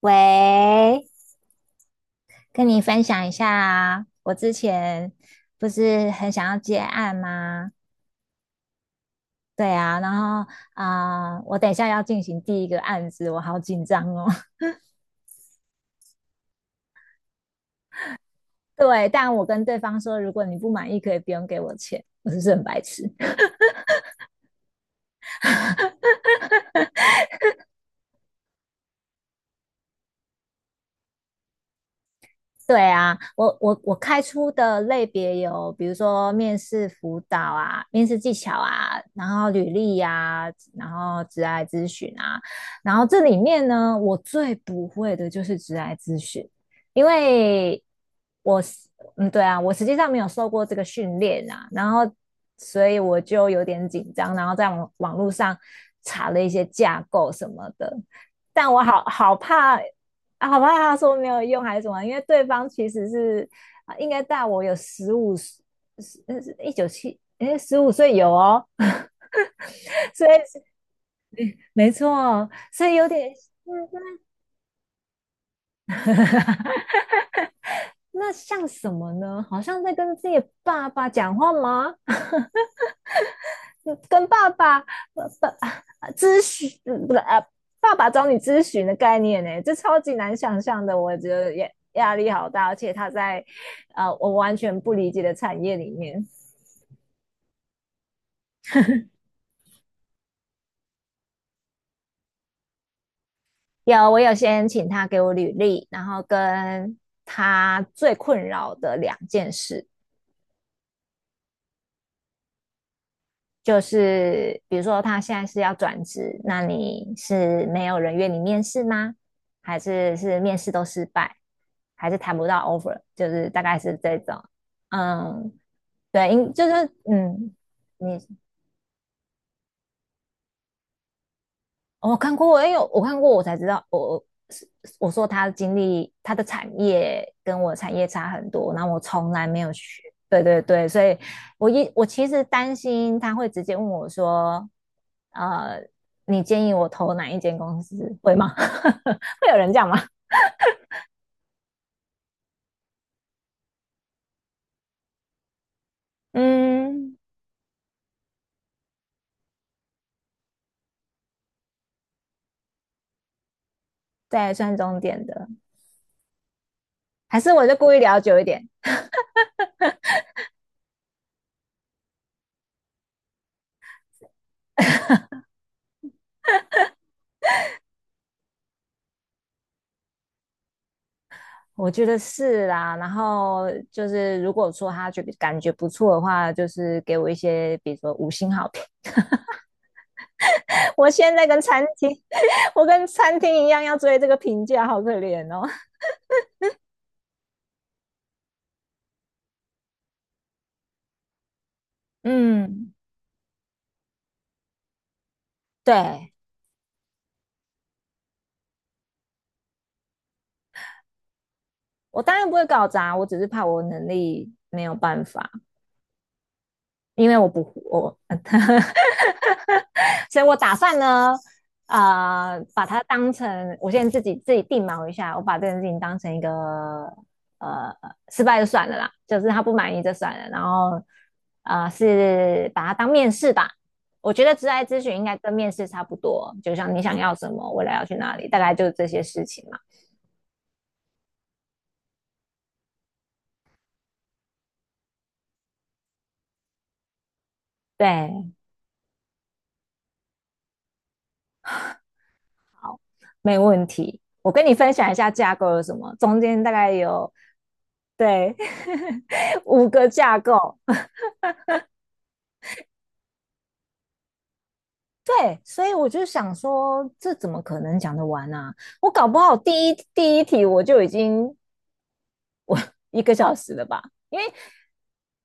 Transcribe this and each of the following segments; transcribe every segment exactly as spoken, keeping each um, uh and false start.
喂，跟你分享一下啊，我之前不是很想要接案吗？对啊，然后啊、呃我等一下要进行第一个案子，我好紧张哦。对，但我跟对方说，如果你不满意，可以不用给我钱。我是不是很白痴？对啊，我我我开出的类别有，比如说面试辅导啊、面试技巧啊，然后履历呀、然后职涯咨询啊，然后这里面呢，我最不会的就是职涯咨询。因为我是嗯对啊，我实际上没有受过这个训练啊，然后所以我就有点紧张，然后在网网络上查了一些架构什么的，但我好好怕啊。好吧，他说没有用还是什么？因为对方其实是啊，应该大我有十五十，那是一九七，哎，十五岁有哦，所以没错，所以有点，嗯。那像什么呢？好像在跟自己的爸爸讲话吗？跟爸爸爸爸咨询，呃不是啊，爸爸找你咨询的概念呢，这超级难想象的，我觉得也压力好大，而且他在呃我完全不理解的产业里面。有，我有先请他给我履历，然后跟他最困扰的两件事，就是比如说他现在是要转职，那你是没有人约你面试吗？还是是面试都失败，还是谈不到 offer？就是大概是这种。嗯，对，因就是嗯，你我看过，因为我看过，我才知道，我我我说他的经历，他的产业跟我的产业差很多，然后我从来没有学，对对对，所以我一我其实担心他会直接问我说，呃，你建议我投哪一间公司，会吗？会有人这样吗？嗯，对，算重点的，还是我就故意聊久一点。我觉得是啦，然后就是如果说他觉得感觉不错的话，就是给我一些，比如说五星好评。我现在跟餐厅 我跟餐厅一样要追这个评价，好可怜哦。嗯，对，我当然不会搞砸，我只是怕我能力没有办法。因为我不，我。所以我打算呢，呃，把它当成我现在自己自己定锚一下，我把这件事情当成一个呃失败就算了啦，就是他不满意就算了，然后呃是把它当面试吧。我觉得职涯咨询应该跟面试差不多，就像你想要什么，未来要去哪里，大概就是这些事情嘛。对，好，没问题。我跟你分享一下架构有什么，中间大概有，对。五个架构。对，所以我就想说，这怎么可能讲得完啊？我搞不好第一第一题我就已经一个小时了吧。因为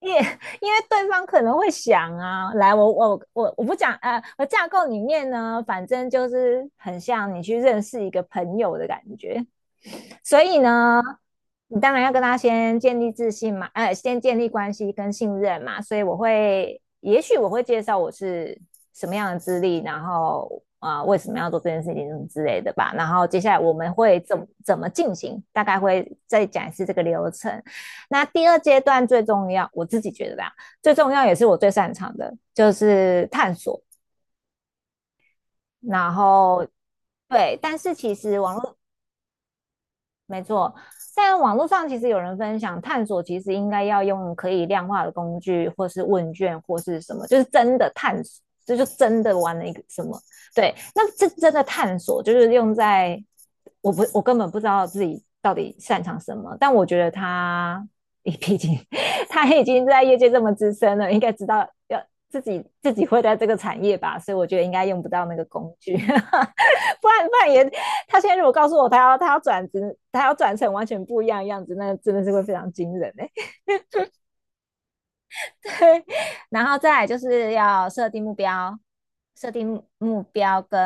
因为因为对方可能会想啊。来，我我我我不讲，呃，我架构里面呢，反正就是很像你去认识一个朋友的感觉，所以呢，你当然要跟他先建立自信嘛，呃，先建立关系跟信任嘛。所以我会，也许我会介绍我是什么样的资历，然后啊、呃为什么要做这件事情什么之类的吧。然后接下来我们会怎么怎么进行，大概会再讲一次这个流程。那第二阶段最重要，我自己觉得吧，最重要也是我最擅长的，就是探索。然后对，但是其实网络没错，在网络上其实有人分享，探索其实应该要用可以量化的工具，或是问卷，或是什么，就是真的探索，这就真的玩了一个什么。对，那这真的探索就是用在，我不，我根本不知道自己到底擅长什么，但我觉得他，毕竟他已经在业界这么资深了，应该知道要自己自己会在这个产业吧，所以我觉得应该用不到那个工具，不然不然也。他现在如果告诉我他要他要转职，他要转成完全不一样的样子，那真的是会非常惊人哎、欸。然后再来就是要设定目标，设定目标跟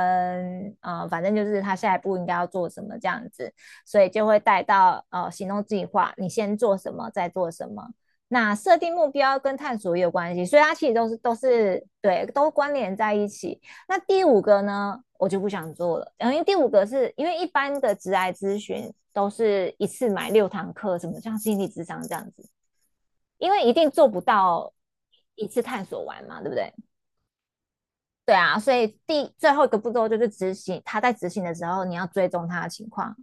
呃，反正就是他下一步应该要做什么这样子，所以就会带到呃行动计划，你先做什么，再做什么。那设定目标跟探索也有关系，所以它其实都是都是对，都关联在一起。那第五个呢，我就不想做了，呃因为第五个是因为一般的职涯咨询都是一次买六堂课，什么像心理智商这样子，因为一定做不到一次探索完嘛，对不对？对啊，所以第最后一个步骤就是执行，他在执行的时候你要追踪他的情况。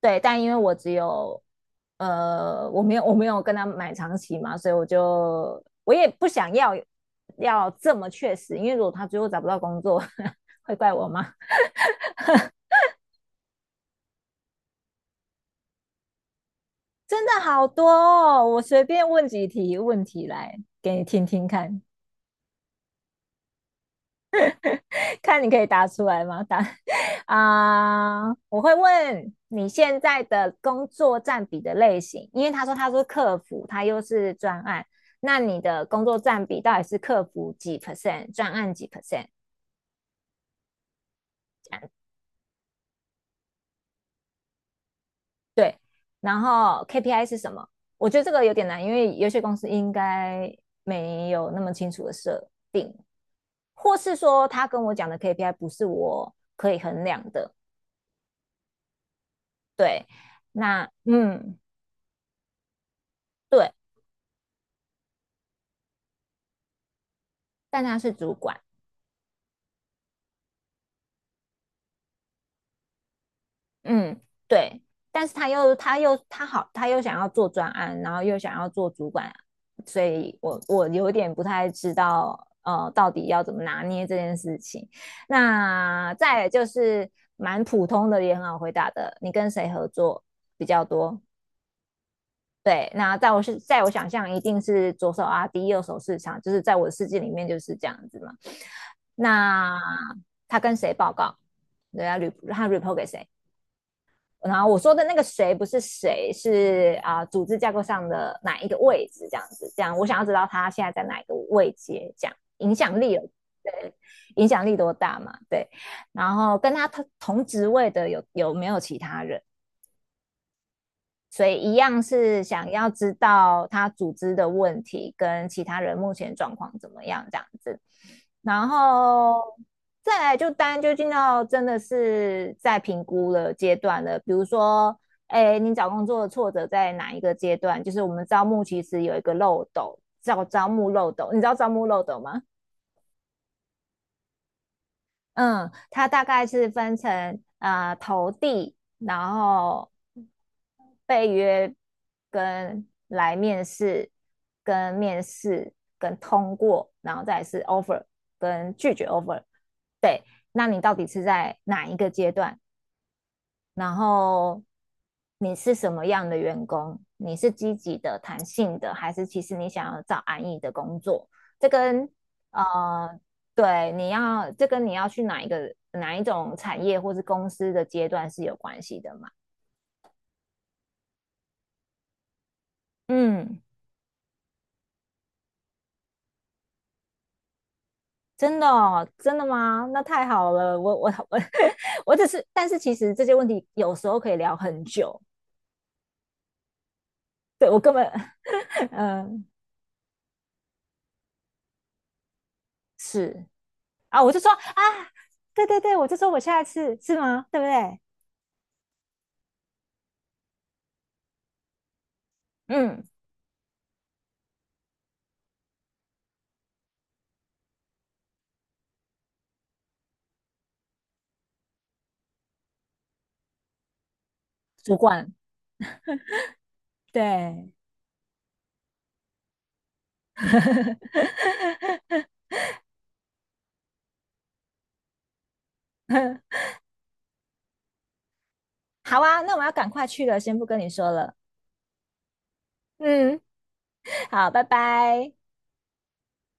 对，但因为我只有呃，我没有我没有跟他买长期嘛，所以我就我也不想要要这么确实，因为如果他最后找不到工作 会怪我吗？真的好多哦！我随便问几题问题来给你听听看，看你可以答出来吗？答 啊、我会问你现在的工作占比的类型，因为他说他是客服，他又是专案，那你的工作占比到底是客服几 percent,专案几 percent?这样对，然后 K P I 是什么？我觉得这个有点难，因为有些公司应该没有那么清楚的设定。或是说他跟我讲的 K P I 不是我可以衡量的。对，那嗯对，但他是主管。嗯对，但是他又他又他好他又想要做专案，然后又想要做主管，所以我我有点不太知道呃到底要怎么拿捏这件事情。那再来就是蛮普通的也很好回答的，你跟谁合作比较多？对，那在我是在我想象一定是左手 R D,右手市场，就是在我的世界里面就是这样子嘛。那他跟谁报告？对啊，rep 他 report 给谁？然后我说的那个谁不是谁，是啊、组织架构上的哪一个位置这样子。这样我想要知道他现在在哪一个位阶，这样影响力有对，影响力多大嘛？对，然后跟他同同职位的有有没有其他人？所以一样是想要知道他组织的问题跟其他人目前状况怎么样这样子，然后再来就当然就进到真的是在评估的阶段了。比如说，哎，你找工作的挫折在哪一个阶段？就是我们招募其实有一个漏斗，叫招募漏斗，你知道招募漏斗吗？嗯，它大概是分成啊投递，然后被约跟来面试，跟面试跟通过，然后再是 offer 跟拒绝 offer。对，那你到底是在哪一个阶段？然后你是什么样的员工？你是积极的、弹性的，还是其实你想要找安逸的工作？这跟呃，对，你要这跟你要去哪一个哪一种产业或是公司的阶段是有关系的嘛？嗯，真的哦，真的吗？那太好了，我我我 我只是，但是其实这些问题有时候可以聊很久，对，我根本，嗯，是。啊，我就说啊，对对对，我就说我下一次是吗？对不对？嗯，主管，对，好啊，那我要赶快去了，先不跟你说了。嗯。好，拜拜。